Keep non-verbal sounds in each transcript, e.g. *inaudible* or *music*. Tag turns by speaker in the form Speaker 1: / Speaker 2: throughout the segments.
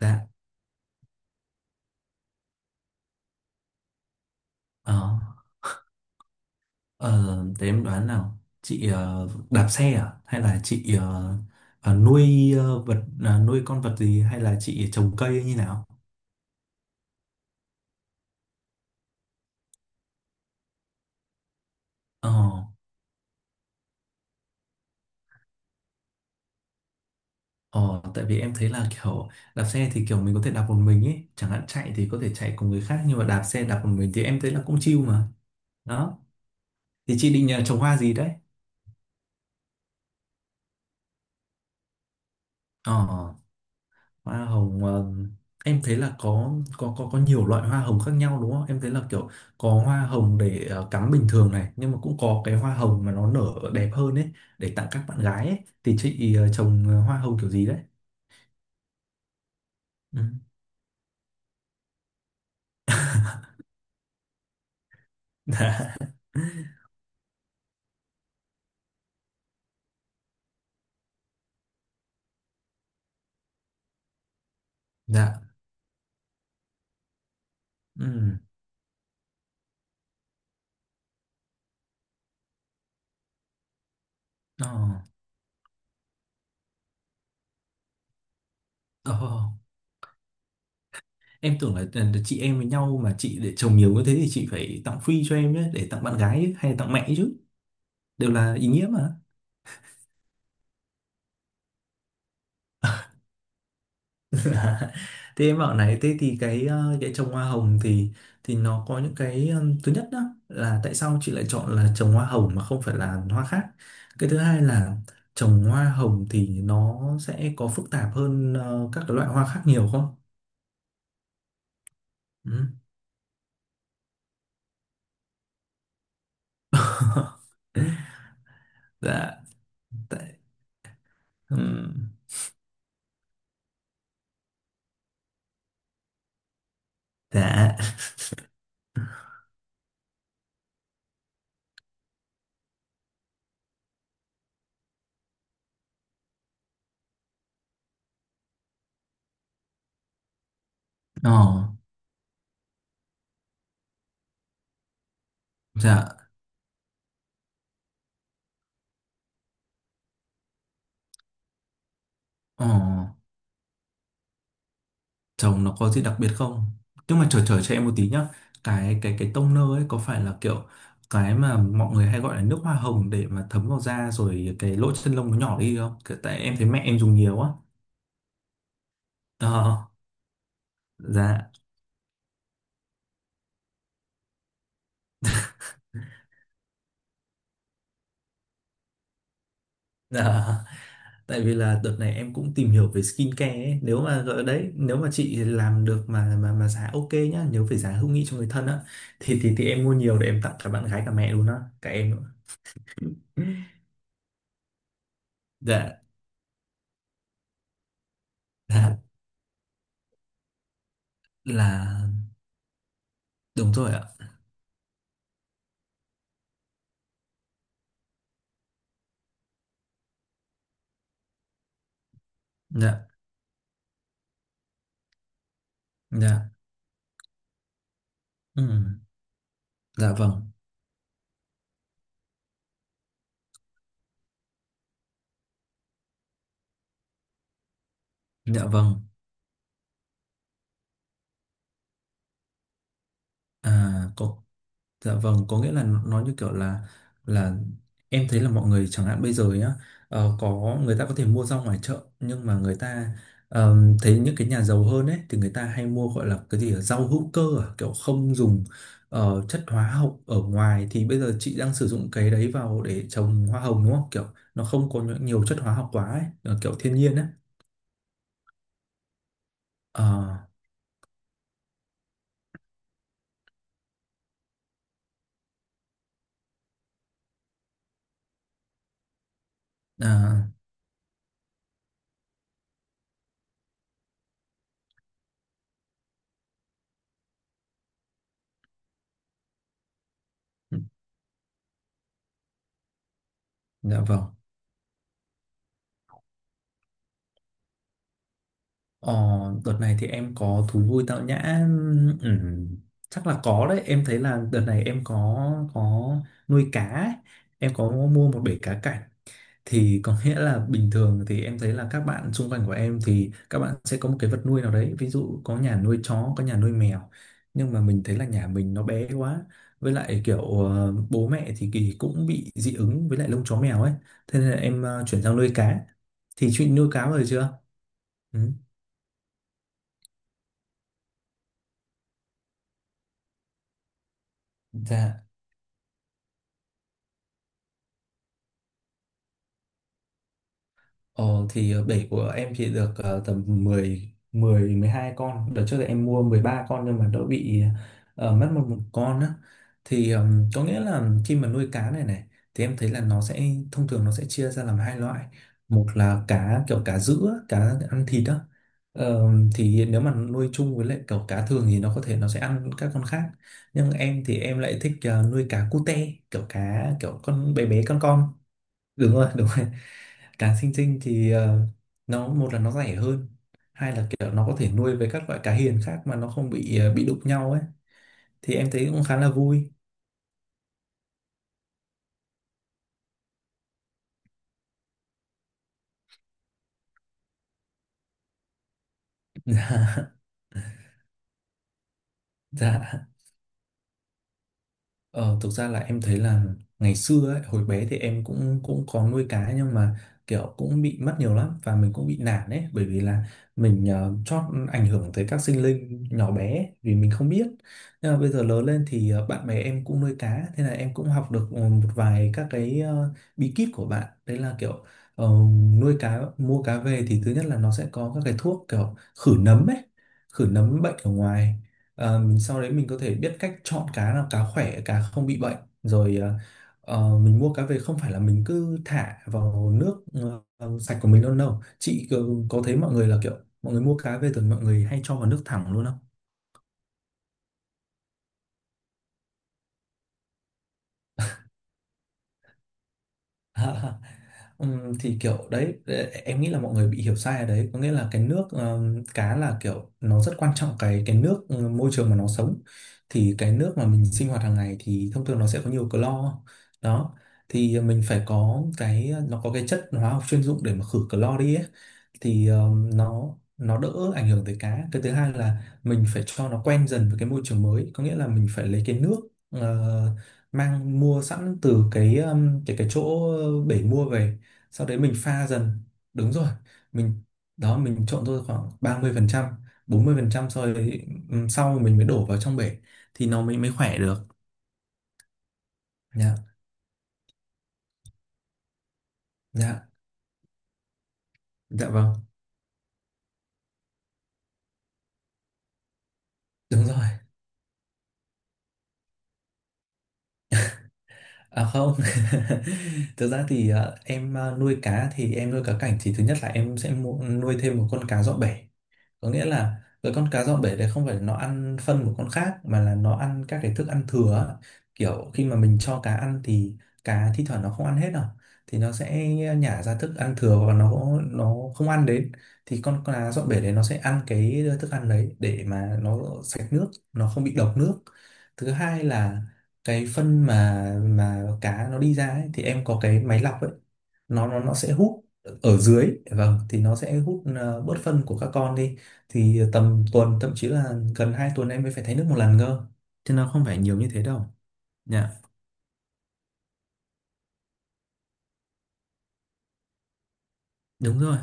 Speaker 1: Dạ, ờ, ờ, thế em đoán nào, chị đạp xe à? Hay là chị nuôi con vật gì hay là chị trồng cây hay như nào? Ờ, ờ, Tại vì em thấy là kiểu đạp xe thì kiểu mình có thể đạp một mình ấy, chẳng hạn chạy thì có thể chạy cùng người khác nhưng mà đạp xe đạp một mình thì em thấy là cũng chill mà. Đó, thì chị định trồng hoa gì đấy? Ờ. Hoa hồng, em thấy là có nhiều loại hoa hồng khác nhau đúng không? Em thấy là kiểu có hoa hồng để cắm bình thường này, nhưng mà cũng có cái hoa hồng mà nó nở đẹp hơn ấy để tặng các bạn gái ấy. Thì chị trồng hoa hồng kiểu gì đấy? Ừ. *laughs* Dạ. Dạ. Ừ. Ờ. Ờ. Em tưởng là chị em với nhau mà chị để trồng nhiều như thế thì chị phải tặng free cho em nhé để tặng bạn gái ấy, hay là tặng mẹ chứ. Đều là ý nghĩa mà. *laughs* Thế em bảo này, thế thì cái trồng hoa hồng thì nó có những cái thứ nhất đó là tại sao chị lại chọn là trồng hoa hồng mà không phải là hoa khác? Cái thứ hai là trồng hoa hồng thì nó sẽ có phức tạp hơn các cái loại hoa khác nhiều không? Ừ. *laughs* Dạ. Tại- ừm, Dạ. Ồ, dạ. Ồ. Chồng nó có gì đặc biệt không? Nhưng mà chờ chờ cho em một tí nhá. Cái toner ấy có phải là kiểu cái mà mọi người hay gọi là nước hoa hồng để mà thấm vào da rồi cái lỗ chân lông nó nhỏ đi không? Kiểu, tại em thấy mẹ em dùng nhiều á. Ờ, dạ. Dạ, tại vì là đợt này em cũng tìm hiểu về skincare ấy. Nếu mà gọi đấy, nếu mà chị làm được mà giá ok nhá, nếu phải giá hữu nghị cho người thân á thì em mua nhiều để em tặng cả bạn gái cả mẹ luôn á, cả em nữa. *laughs* Dạ, dạ là đúng rồi ạ. Dạ. Dạ, ừ, dạ vâng, dạ vâng, à, có, dạ vâng, có nghĩa là nó như kiểu là là em thấy là mọi người chẳng hạn bây giờ nhá, có người ta có thể mua rau ngoài chợ nhưng mà người ta thấy những cái nhà giàu hơn ấy thì người ta hay mua gọi là cái gì ở rau hữu cơ à, kiểu không dùng chất hóa học ở ngoài thì bây giờ chị đang sử dụng cái đấy vào để trồng hoa hồng đúng không? Kiểu nó không có nhiều chất hóa học quá ấy, kiểu thiên nhiên ấy. Ờ, à, ừ. Dạ vâng. Ờ, Đợt này thì em có thú vui tạo nhã ừm, chắc là có đấy em thấy là đợt này em có nuôi cá ấy. Em có mua một bể cá cảnh thì có nghĩa là bình thường thì em thấy là các bạn xung quanh của em thì các bạn sẽ có một cái vật nuôi nào đấy ví dụ có nhà nuôi chó có nhà nuôi mèo nhưng mà mình thấy là nhà mình nó bé quá với lại kiểu bố mẹ thì kỳ cũng bị dị ứng với lại lông chó mèo ấy thế nên là em chuyển sang nuôi cá, thì chuyện nuôi cá rồi chưa. Ừ. Dạ. Ờ, thì bể của em chỉ được tầm 10 10 12 con. Đợt trước thì em mua 13 con nhưng mà đỡ bị mất một con á. Thì có nghĩa là khi mà nuôi cá này này thì em thấy là nó sẽ thông thường nó sẽ chia ra làm 2 loại. Một là cá kiểu cá sữa, cá ăn thịt á. Ờ, thì nếu mà nuôi chung với lại kiểu cá thường thì nó có thể nó sẽ ăn các con khác. Nhưng em thì em lại thích nuôi cá cute, kiểu cá kiểu con bé bé con con. Đúng rồi, *laughs* đúng rồi cá sinh tinh thì nó một là nó rẻ hơn hai là kiểu nó có thể nuôi với các loại cá hiền khác mà nó không bị bị đụng nhau ấy thì em thấy cũng khá là vui. *laughs* Dạ. Ờ, Thực ra là em thấy là ngày xưa ấy, hồi bé thì em cũng cũng có nuôi cá nhưng mà kiểu cũng bị mất nhiều lắm và mình cũng bị nản ấy bởi vì là mình chót ảnh hưởng tới các sinh linh nhỏ bé ấy, vì mình không biết nhưng mà bây giờ lớn lên thì bạn bè em cũng nuôi cá thế là em cũng học được một vài các cái bí kíp của bạn đấy là kiểu ờ, nuôi cá mua cá về thì thứ nhất là nó sẽ có các cái thuốc kiểu khử nấm ấy, khử nấm bệnh ở ngoài. Mình sau đấy mình có thể biết cách chọn cá nào cá khỏe cá không bị bệnh rồi mình mua cá về không phải là mình cứ thả vào nước sạch của mình đâu. Đâu chị có thấy mọi người là kiểu mọi người mua cá về thường mọi người hay cho vào nước thẳng luôn không? *laughs* Thì kiểu đấy em nghĩ là mọi người bị hiểu sai ở đấy có nghĩa là cái nước cá là kiểu nó rất quan trọng cái nước, môi trường mà nó sống, thì cái nước mà mình sinh hoạt hàng ngày thì thông thường nó sẽ có nhiều clo đó thì mình phải có cái, nó có cái chất hóa học chuyên dụng để mà khử clo đi ấy. Thì nó đỡ ảnh hưởng tới cá, cái thứ hai là mình phải cho nó quen dần với cái môi trường mới có nghĩa là mình phải lấy cái nước ờ, mang mua sẵn từ cái cái chỗ bể mua về sau đấy mình pha dần, đúng rồi mình đó mình trộn thôi khoảng 30% 40% sau đấy sau mình mới đổ vào trong bể thì nó mới mới khỏe được. Dạ dạ dạ vâng đúng rồi. À không. *laughs* Thực ra thì em nuôi cá thì em nuôi cá cảnh thì thứ nhất là em sẽ mua, nuôi thêm một con cá dọn bể có nghĩa là cái con cá dọn bể đấy không phải nó ăn phân của con khác mà là nó ăn các cái thức ăn thừa á. Kiểu khi mà mình cho cá ăn thì cá thi thoảng nó không ăn hết đâu thì nó sẽ nhả ra thức ăn thừa và nó không ăn đến thì con cá dọn bể đấy nó sẽ ăn cái thức ăn đấy để mà nó sạch nước, nó không bị độc nước. Thứ hai là cái phân mà cá nó đi ra ấy, thì em có cái máy lọc ấy, nó sẽ hút ở dưới, vâng thì nó sẽ hút bớt phân của các con đi thì tầm tuần thậm chí là gần 2 tuần em mới phải thay nước một lần cơ chứ nó không phải nhiều như thế đâu. Dạ. Đúng rồi.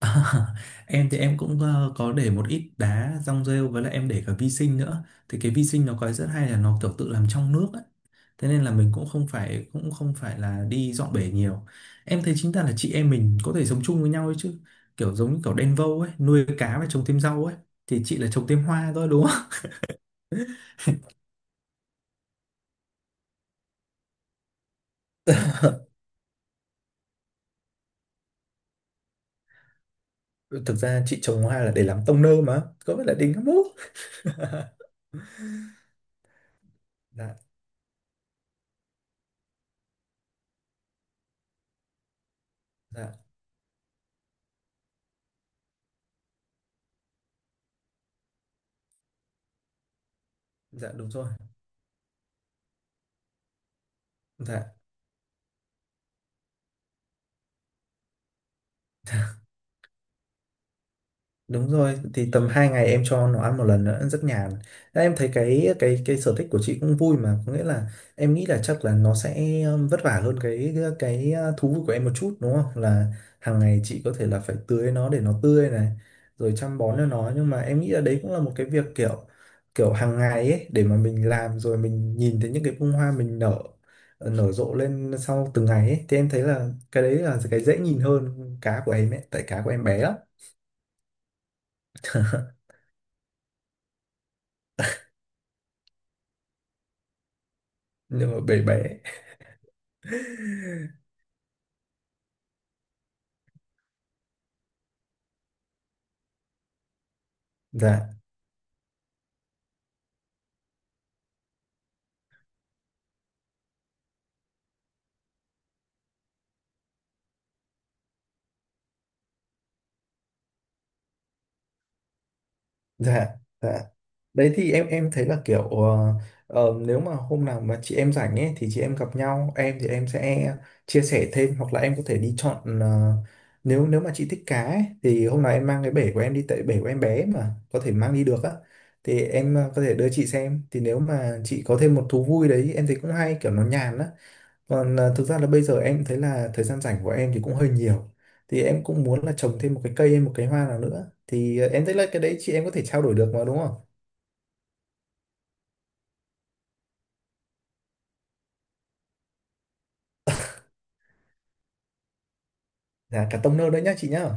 Speaker 1: *laughs* Em thì em cũng có để một ít đá rong rêu với lại em để cả vi sinh nữa thì cái vi sinh nó có rất hay là nó kiểu tự làm trong nước ấy. Thế nên là mình cũng không phải là đi dọn bể nhiều. Em thấy chính ta là chị em mình có thể sống chung với nhau ấy chứ, kiểu giống như kiểu đen vâu ấy nuôi cá và trồng thêm rau ấy, thì chị là trồng thêm hoa thôi đúng không? *laughs* Thực ra chị trồng hoa là để làm tông nơ mà, có phải là đỉnh lắm không? Dạ dạ dạ đúng rồi. Dạ. Đúng rồi, thì tầm 2 ngày em cho nó ăn một lần nữa, rất nhàn. Đấy, em thấy cái sở thích của chị cũng vui mà, có nghĩa là em nghĩ là chắc là nó sẽ vất vả hơn cái thú vui của em một chút đúng không? Là hàng ngày chị có thể là phải tưới nó để nó tươi này, rồi chăm bón cho nó, nhưng mà em nghĩ là đấy cũng là một cái việc kiểu kiểu hàng ngày ấy để mà mình làm rồi mình nhìn thấy những cái bông hoa mình nở rộ lên sau từng ngày ấy thì em thấy là cái đấy là cái dễ nhìn hơn cá của em ấy, tại cá của em bé lắm. *laughs* Nhưng mà bé bé. Dạ. Dạ. Dạ. Đấy thì em thấy là kiểu nếu mà hôm nào mà chị em rảnh ấy thì chị em gặp nhau em thì em sẽ chia sẻ thêm hoặc là em có thể đi chọn nếu nếu mà chị thích cá ấy, thì hôm nào em mang cái bể của em đi tại bể của em bé mà có thể mang đi được á thì em có thể đưa chị xem thì nếu mà chị có thêm một thú vui đấy em thấy cũng hay kiểu nó nhàn á. Còn à, thực ra là bây giờ em thấy là thời gian rảnh của em thì cũng hơi nhiều. Thì em cũng muốn là trồng thêm một cái cây hay một cái hoa nào nữa. Thì à, em thấy là cái đấy chị em có thể trao đổi được mà đúng không? Dạ, cả tông nơ đấy nhá chị nhá.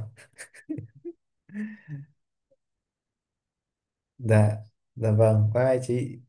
Speaker 1: Dạ, dạ vâng, bye bye chị.